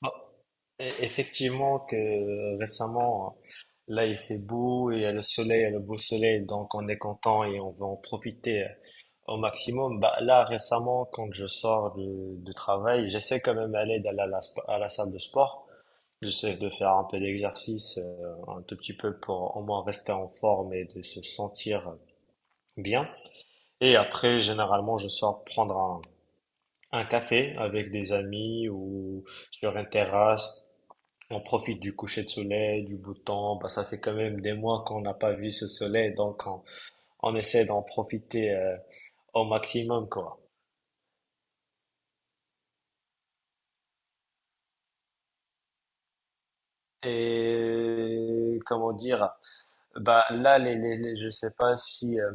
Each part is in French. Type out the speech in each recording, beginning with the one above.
Bon, effectivement que récemment, là il fait beau, et il y a le soleil, il y a le beau soleil, donc on est content et on va en profiter au maximum. Bah, là récemment, quand je sors du travail, j'essaie quand même d'aller à à la salle de sport. J'essaie de faire un peu d'exercice, un tout petit peu pour au moins rester en forme et de se sentir bien. Et après, généralement, je sors prendre un café avec des amis ou sur une terrasse on profite du coucher de soleil, du beau temps. Bah, ça fait quand même des mois qu'on n'a pas vu ce soleil, on essaie d'en profiter au maximum, quoi. Et comment dire, bah là, je sais pas si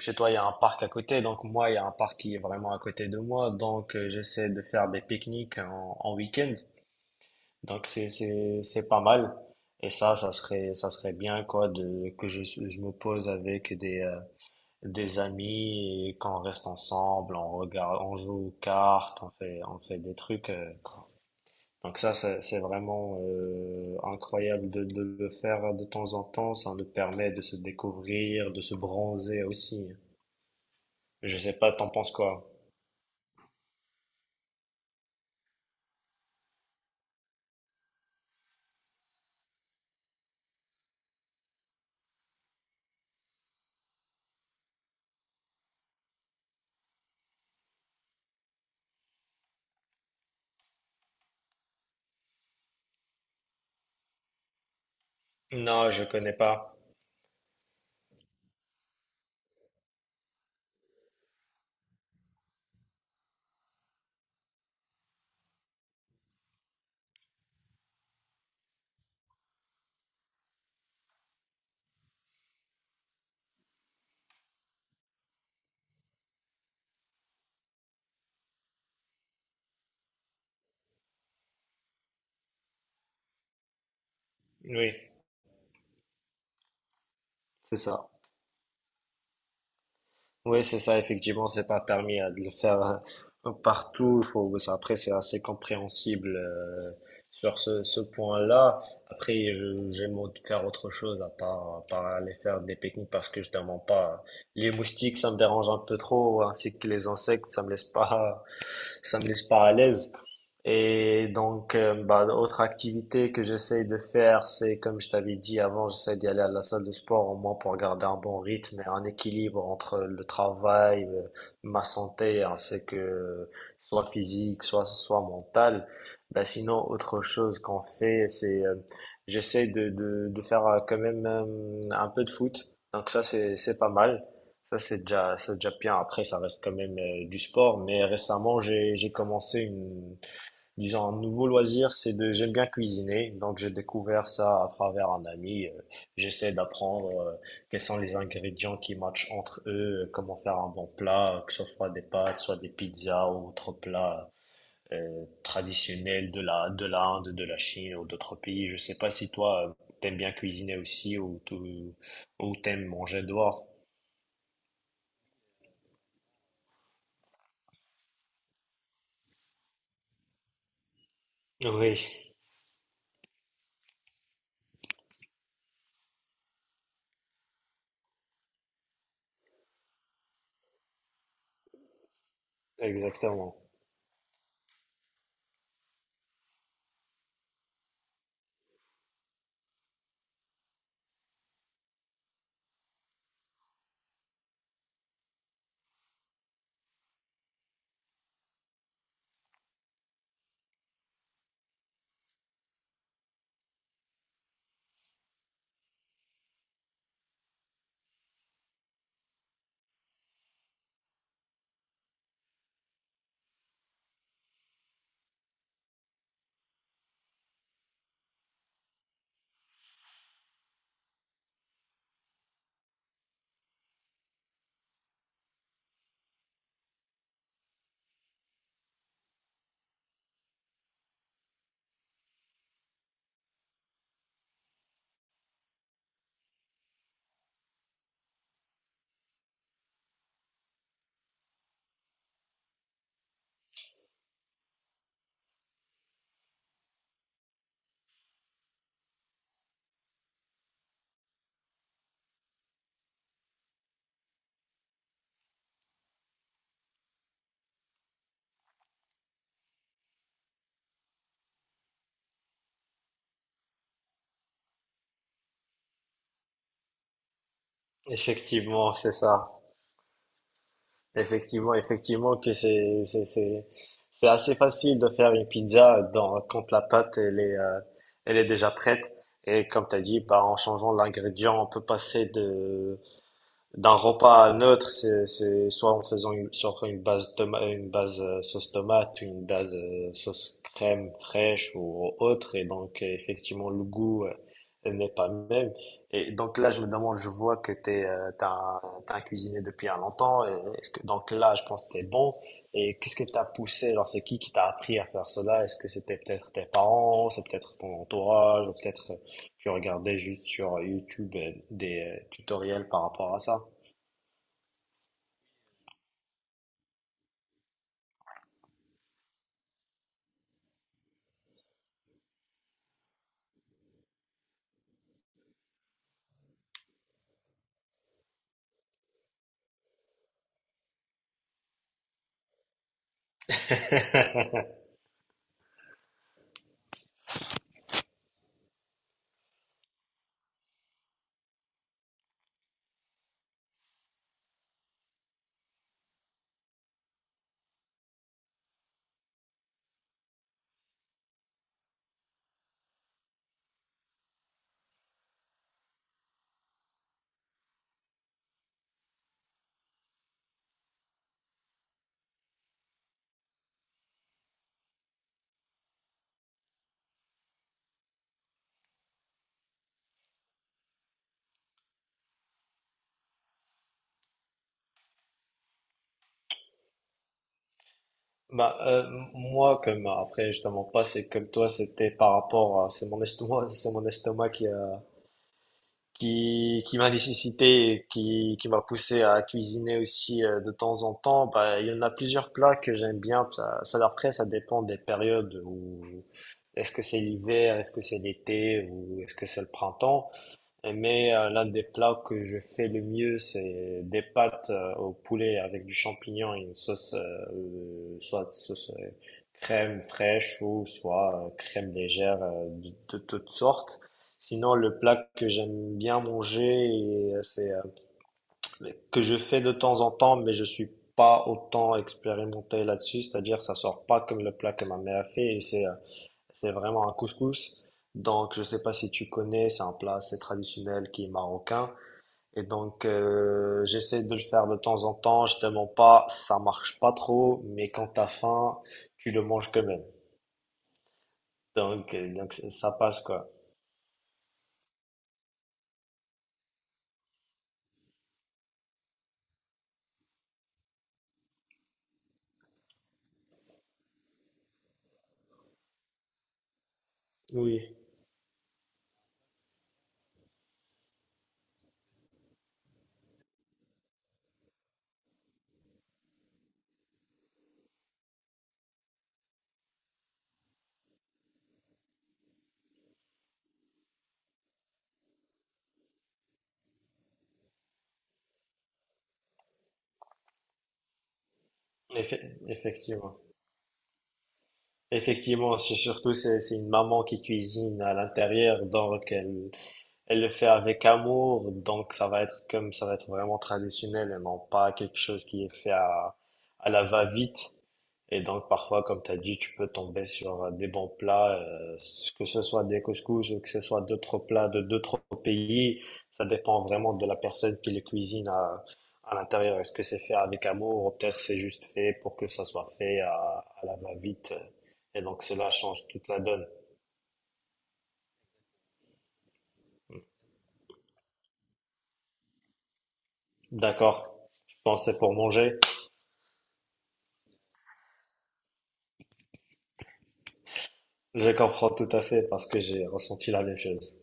chez toi il y a un parc à côté, donc moi il y a un parc qui est vraiment à côté de moi, donc j'essaie de faire des pique-niques en week-end, donc c'est pas mal. Et ça, ça serait bien quoi de que je me pose avec des des amis et quand on reste ensemble, on regarde, on joue aux cartes, on fait des trucs. Donc ça, c'est vraiment incroyable de le faire de temps en temps. Ça nous permet de se découvrir, de se bronzer aussi. Je sais pas, t'en penses quoi? Non, je connais pas. Oui, c'est ça. Oui, c'est ça, effectivement, c'est pas permis de le faire partout. Il faut, après, c'est assez compréhensible sur ce point-là. Après, j'aime faire autre chose à à part aller faire des pique-niques parce que je ne mens pas. Les moustiques, ça me dérange un peu trop, ainsi que les insectes, ça me laisse pas, ça me laisse pas à l'aise. Et donc, bah, autre activité que j'essaye de faire, c'est comme je t'avais dit avant, j'essaie d'y aller à la salle de sport au moins pour garder un bon rythme et un équilibre entre le travail, ma santé, ainsi que soit physique, soit mentale. Bah, sinon, autre chose qu'on fait, c'est j'essaie de faire quand même un peu de foot. Donc ça, c'est pas mal. Ça, c'est déjà bien. Après, ça reste quand même du sport. Mais récemment, j'ai commencé disons, un nouveau loisir, c'est de, j'aime bien cuisiner, donc j'ai découvert ça à travers un ami. J'essaie d'apprendre quels sont les ingrédients qui matchent entre eux, comment faire un bon plat, que ce soit des pâtes, soit des pizzas ou autres plats traditionnels de de l'Inde, de la Chine ou d'autres pays. Je sais pas si toi, t'aimes bien cuisiner aussi ou ou t'aimes manger dehors. Oui, exactement. Effectivement, c'est ça. Effectivement, effectivement que c'est c'est assez facile de faire une pizza dans quand la pâte elle est déjà prête et comme tu as dit bah en changeant l'ingrédient on peut passer de d'un repas neutre, c'est soit en faisant soit en faisant une base une base sauce tomate, une base sauce crème fraîche ou autre, et donc effectivement le goût n'est pas le même. Et donc là, je me demande, je vois que t'as un cuisinier depuis un longtemps, et est-ce que, donc là, je pense que t'es bon. Et qu'est-ce que t'as poussé? Genre, c'est qui t'a appris à faire cela? Est-ce que c'était peut-être tes parents, c'est peut-être ton entourage, ou peut-être tu regardais juste sur YouTube des tutoriels par rapport à ça? Bah, moi, comme après, je te mens pas, c'est comme toi, c'était par rapport à, c'est mon estomac, c'est mon estomac qui a, qui m'a nécessité, et qui m'a poussé à cuisiner aussi de temps en temps. Bah, il y en a plusieurs plats que j'aime bien. Après, ça dépend des périodes où, est-ce que c'est l'hiver, est-ce que c'est l'été, ou est-ce que c'est le printemps. Mais l'un des plats que je fais le mieux, c'est des pâtes au poulet avec du champignon et une sauce, soit sauce crème fraîche ou soit crème légère de toutes sortes. Sinon, le plat que j'aime bien manger, c'est que je fais de temps en temps, mais je suis pas autant expérimenté là-dessus, c'est-à-dire ça sort pas comme le plat que ma mère fait, et c'est vraiment un couscous. Donc, je sais pas si tu connais, c'est un plat assez traditionnel qui est marocain. Et donc, j'essaie de le faire de temps en temps. Je te mens pas, ça marche pas trop, mais quand t'as faim, tu le manges quand même. Donc, donc ça ça passe quoi. Oui, effectivement. Effectivement, c'est surtout c'est une maman qui cuisine à l'intérieur, donc elle le fait avec amour, donc ça va être comme ça va être vraiment traditionnel et non pas quelque chose qui est fait à la va-vite. Et donc parfois, comme tu as dit, tu peux tomber sur des bons plats, que ce soit des couscous ou que ce soit d'autres plats de d'autres pays. Ça dépend vraiment de la personne qui les cuisine à l'intérieur. Est-ce que c'est fait avec amour ou peut-être c'est juste fait pour que ça soit fait à la va-vite. Et donc cela change toute la donne. D'accord, je pensais pour manger. Je comprends tout à fait parce que j'ai ressenti la même chose.